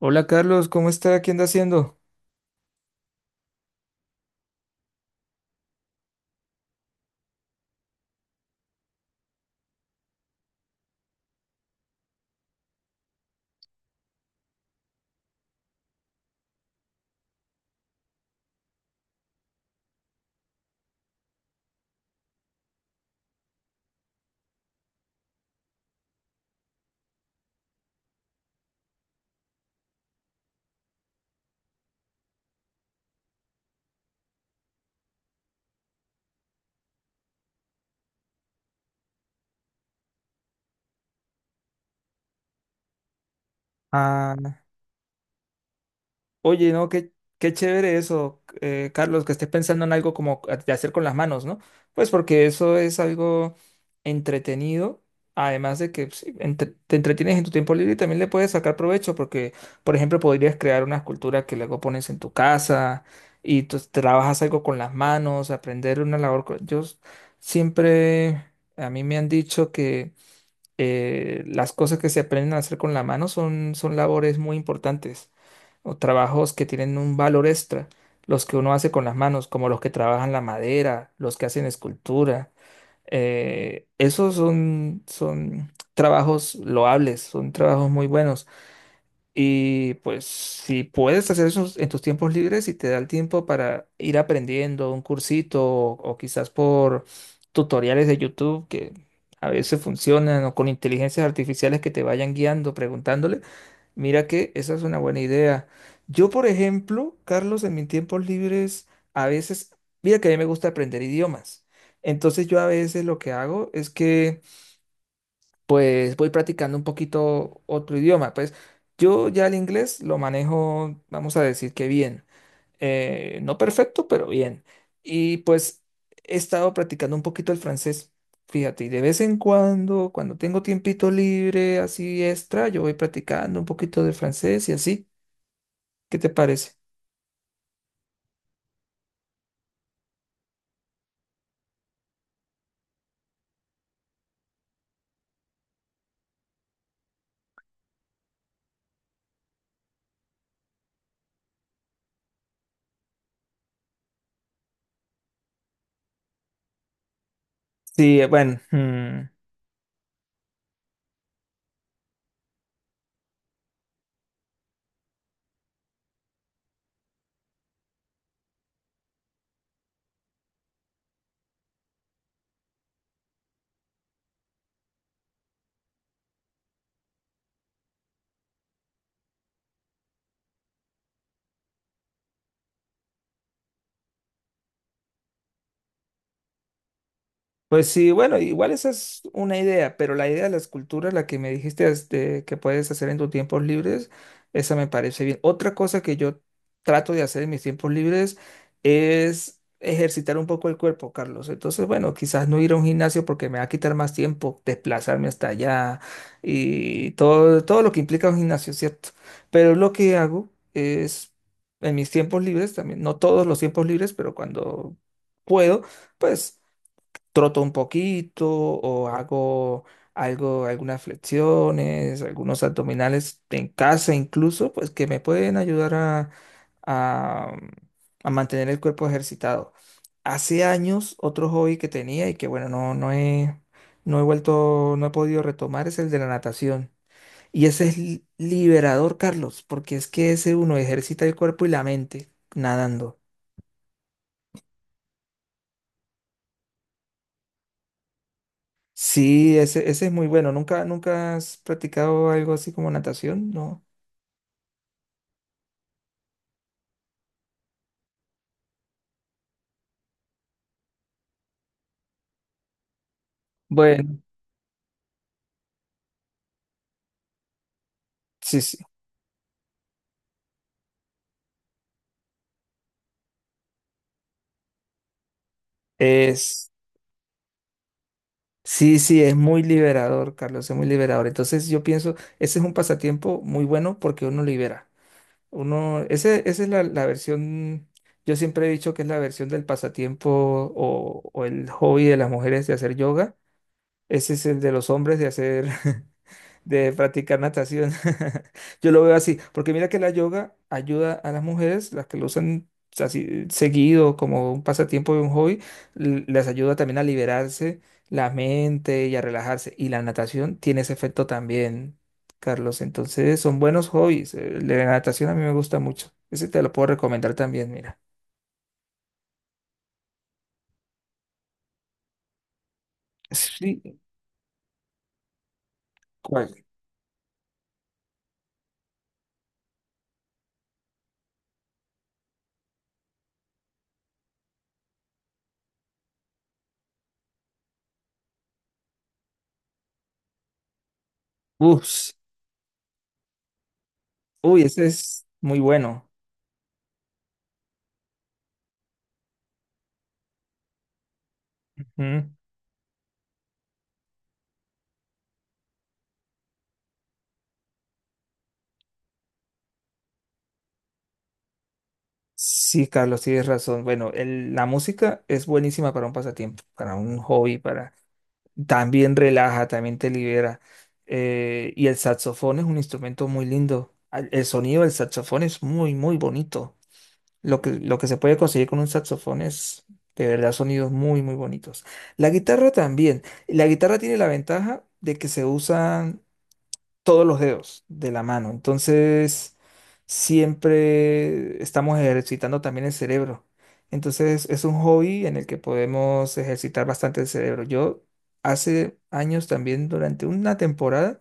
Hola Carlos, ¿cómo está? ¿Qué anda haciendo? Ah, oye, no, qué, qué chévere eso, Carlos, que estés pensando en algo como de hacer con las manos, ¿no? Pues porque eso es algo entretenido, además de que sí, te entretienes en tu tiempo libre y también le puedes sacar provecho, porque, por ejemplo, podrías crear una escultura que luego pones en tu casa y tú trabajas algo con las manos, aprender una labor. Siempre, a mí me han dicho que las cosas que se aprenden a hacer con la mano son labores muy importantes o trabajos que tienen un valor extra, los que uno hace con las manos, como los que trabajan la madera, los que hacen escultura. Esos son trabajos loables, son trabajos muy buenos. Y pues si puedes hacer eso en tus tiempos libres y te da el tiempo para ir aprendiendo un cursito o quizás por tutoriales de YouTube que a veces funcionan o con inteligencias artificiales que te vayan guiando, preguntándole, mira que esa es una buena idea. Yo, por ejemplo, Carlos, en mis tiempos libres a veces, mira que a mí me gusta aprender idiomas. Entonces yo a veces lo que hago es que pues voy practicando un poquito otro idioma. Pues yo ya el inglés lo manejo, vamos a decir que bien. No perfecto, pero bien. Y pues he estado practicando un poquito el francés. Fíjate, y de vez en cuando, cuando tengo tiempito libre, así extra, yo voy practicando un poquito de francés y así. ¿Qué te parece? Sí, bueno. Pues sí, bueno, igual esa es una idea, pero la idea de la escultura, la que me dijiste es de que puedes hacer en tus tiempos libres, esa me parece bien. Otra cosa que yo trato de hacer en mis tiempos libres es ejercitar un poco el cuerpo, Carlos. Entonces, bueno, quizás no ir a un gimnasio porque me va a quitar más tiempo desplazarme hasta allá y todo, todo lo que implica un gimnasio, ¿cierto? Pero lo que hago es en mis tiempos libres también, no todos los tiempos libres, pero cuando puedo, pues troto un poquito o hago algo, algunas flexiones, algunos abdominales en casa incluso, pues que me pueden ayudar a, a mantener el cuerpo ejercitado. Hace años otro hobby que tenía y que bueno, no he vuelto, no he podido retomar es el de la natación. Y ese es liberador, Carlos, porque es que ese uno ejercita el cuerpo y la mente nadando. Sí, ese es muy bueno. ¿Nunca, nunca has practicado algo así como natación? No. Bueno, sí, sí. Es, sí, sí, es muy liberador, Carlos, es muy liberador. Entonces yo pienso, ese es un pasatiempo muy bueno porque uno libera. Esa es la versión, yo siempre he dicho que es la versión del pasatiempo o el hobby de las mujeres de hacer yoga. Ese es el de los hombres de hacer, de practicar natación. Yo lo veo así, porque mira que la yoga ayuda a las mujeres, las que lo usan así seguido como un pasatiempo y un hobby, les ayuda también a liberarse la mente y a relajarse. Y la natación tiene ese efecto también, Carlos. Entonces son buenos hobbies. La natación a mí me gusta mucho. Ese te lo puedo recomendar también, mira. Sí, ¿cuál? Uf, uy, ese es muy bueno. Ujú. Sí, Carlos, tienes razón. Bueno, la música es buenísima para un pasatiempo, para un hobby, para también relaja, también te libera. Y el saxofón es un instrumento muy lindo. El sonido del saxofón es muy, muy bonito. Lo que se puede conseguir con un saxofón es de verdad sonidos muy, muy bonitos. La guitarra también. La guitarra tiene la ventaja de que se usa todos los dedos de la mano. Entonces, siempre estamos ejercitando también el cerebro. Entonces, es un hobby en el que podemos ejercitar bastante el cerebro. Yo hace años también, durante una temporada,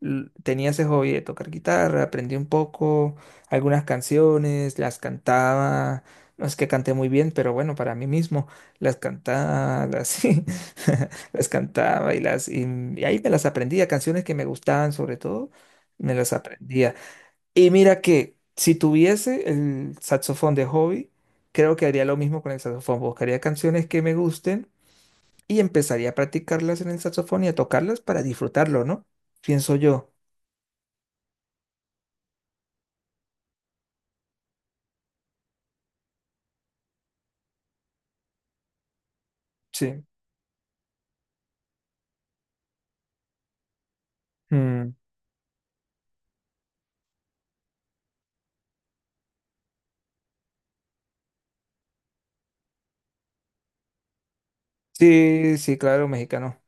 tenía ese hobby de tocar guitarra, aprendí un poco algunas canciones, las cantaba. No es que canté muy bien, pero bueno, para mí mismo, las cantaba, así. Las cantaba y ahí me las aprendía, canciones que me gustaban sobre todo, me las aprendía. Y mira que si tuviese el saxofón de hobby, creo que haría lo mismo con el saxofón, buscaría canciones que me gusten y empezaría a practicarlas en el saxofón y a tocarlas para disfrutarlo, ¿no? Pienso yo. Sí. Mm. Sí, sí, claro, mexicano.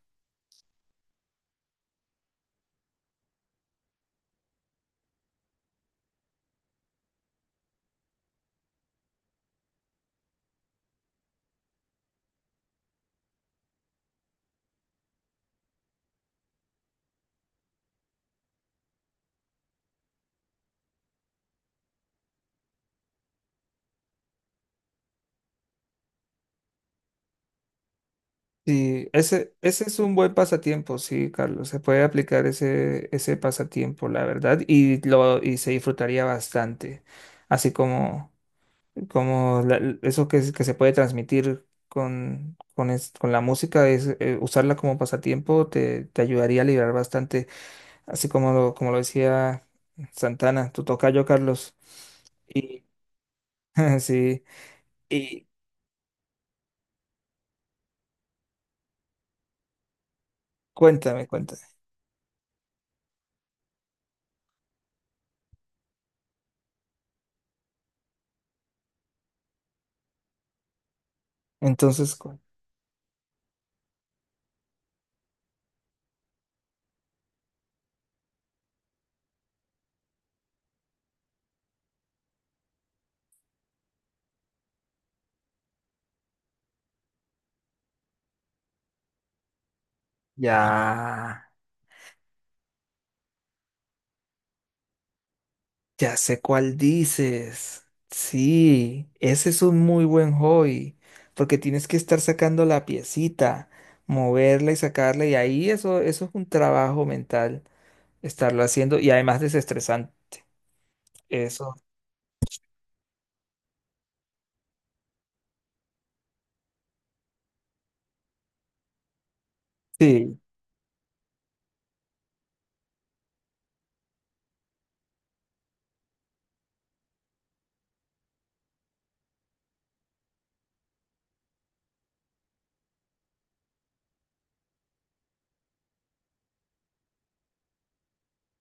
Sí, ese es un buen pasatiempo, sí, Carlos. Se puede aplicar ese pasatiempo, la verdad, y se disfrutaría bastante. Así como, como eso que se puede transmitir con la música, es, usarla como pasatiempo te ayudaría a liberar bastante. Así como como lo decía Santana, tu tocayo, Carlos. Y sí, y cuéntame, cuéntame. Entonces, cu- ya. Ya sé cuál dices. Sí, ese es un muy buen hobby, porque tienes que estar sacando la piecita, moverla y sacarla, y ahí eso, eso es un trabajo mental, estarlo haciendo, y además desestresante. Eso. Sí.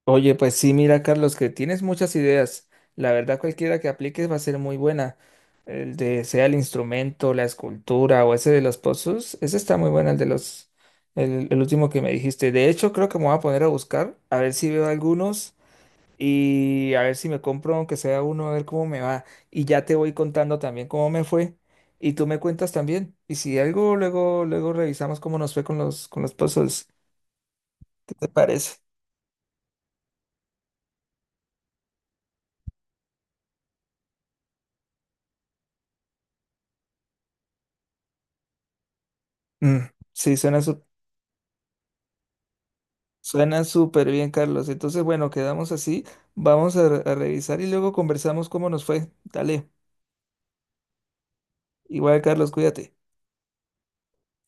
Oye, pues sí, mira, Carlos, que tienes muchas ideas. La verdad, cualquiera que apliques va a ser muy buena. El de sea el instrumento, la escultura o ese de los pozos, ese está muy bueno, el de los, el último que me dijiste. De hecho, creo que me voy a poner a buscar, a ver si veo algunos y a ver si me compro aunque sea uno, a ver cómo me va. Y ya te voy contando también cómo me fue y tú me cuentas también. Y si algo, luego, luego revisamos cómo nos fue con los pozos. ¿Qué te parece? Mm, sí, suena súper. Suena súper bien, Carlos. Entonces, bueno, quedamos así. Vamos a revisar y luego conversamos cómo nos fue. Dale. Igual, Carlos, cuídate.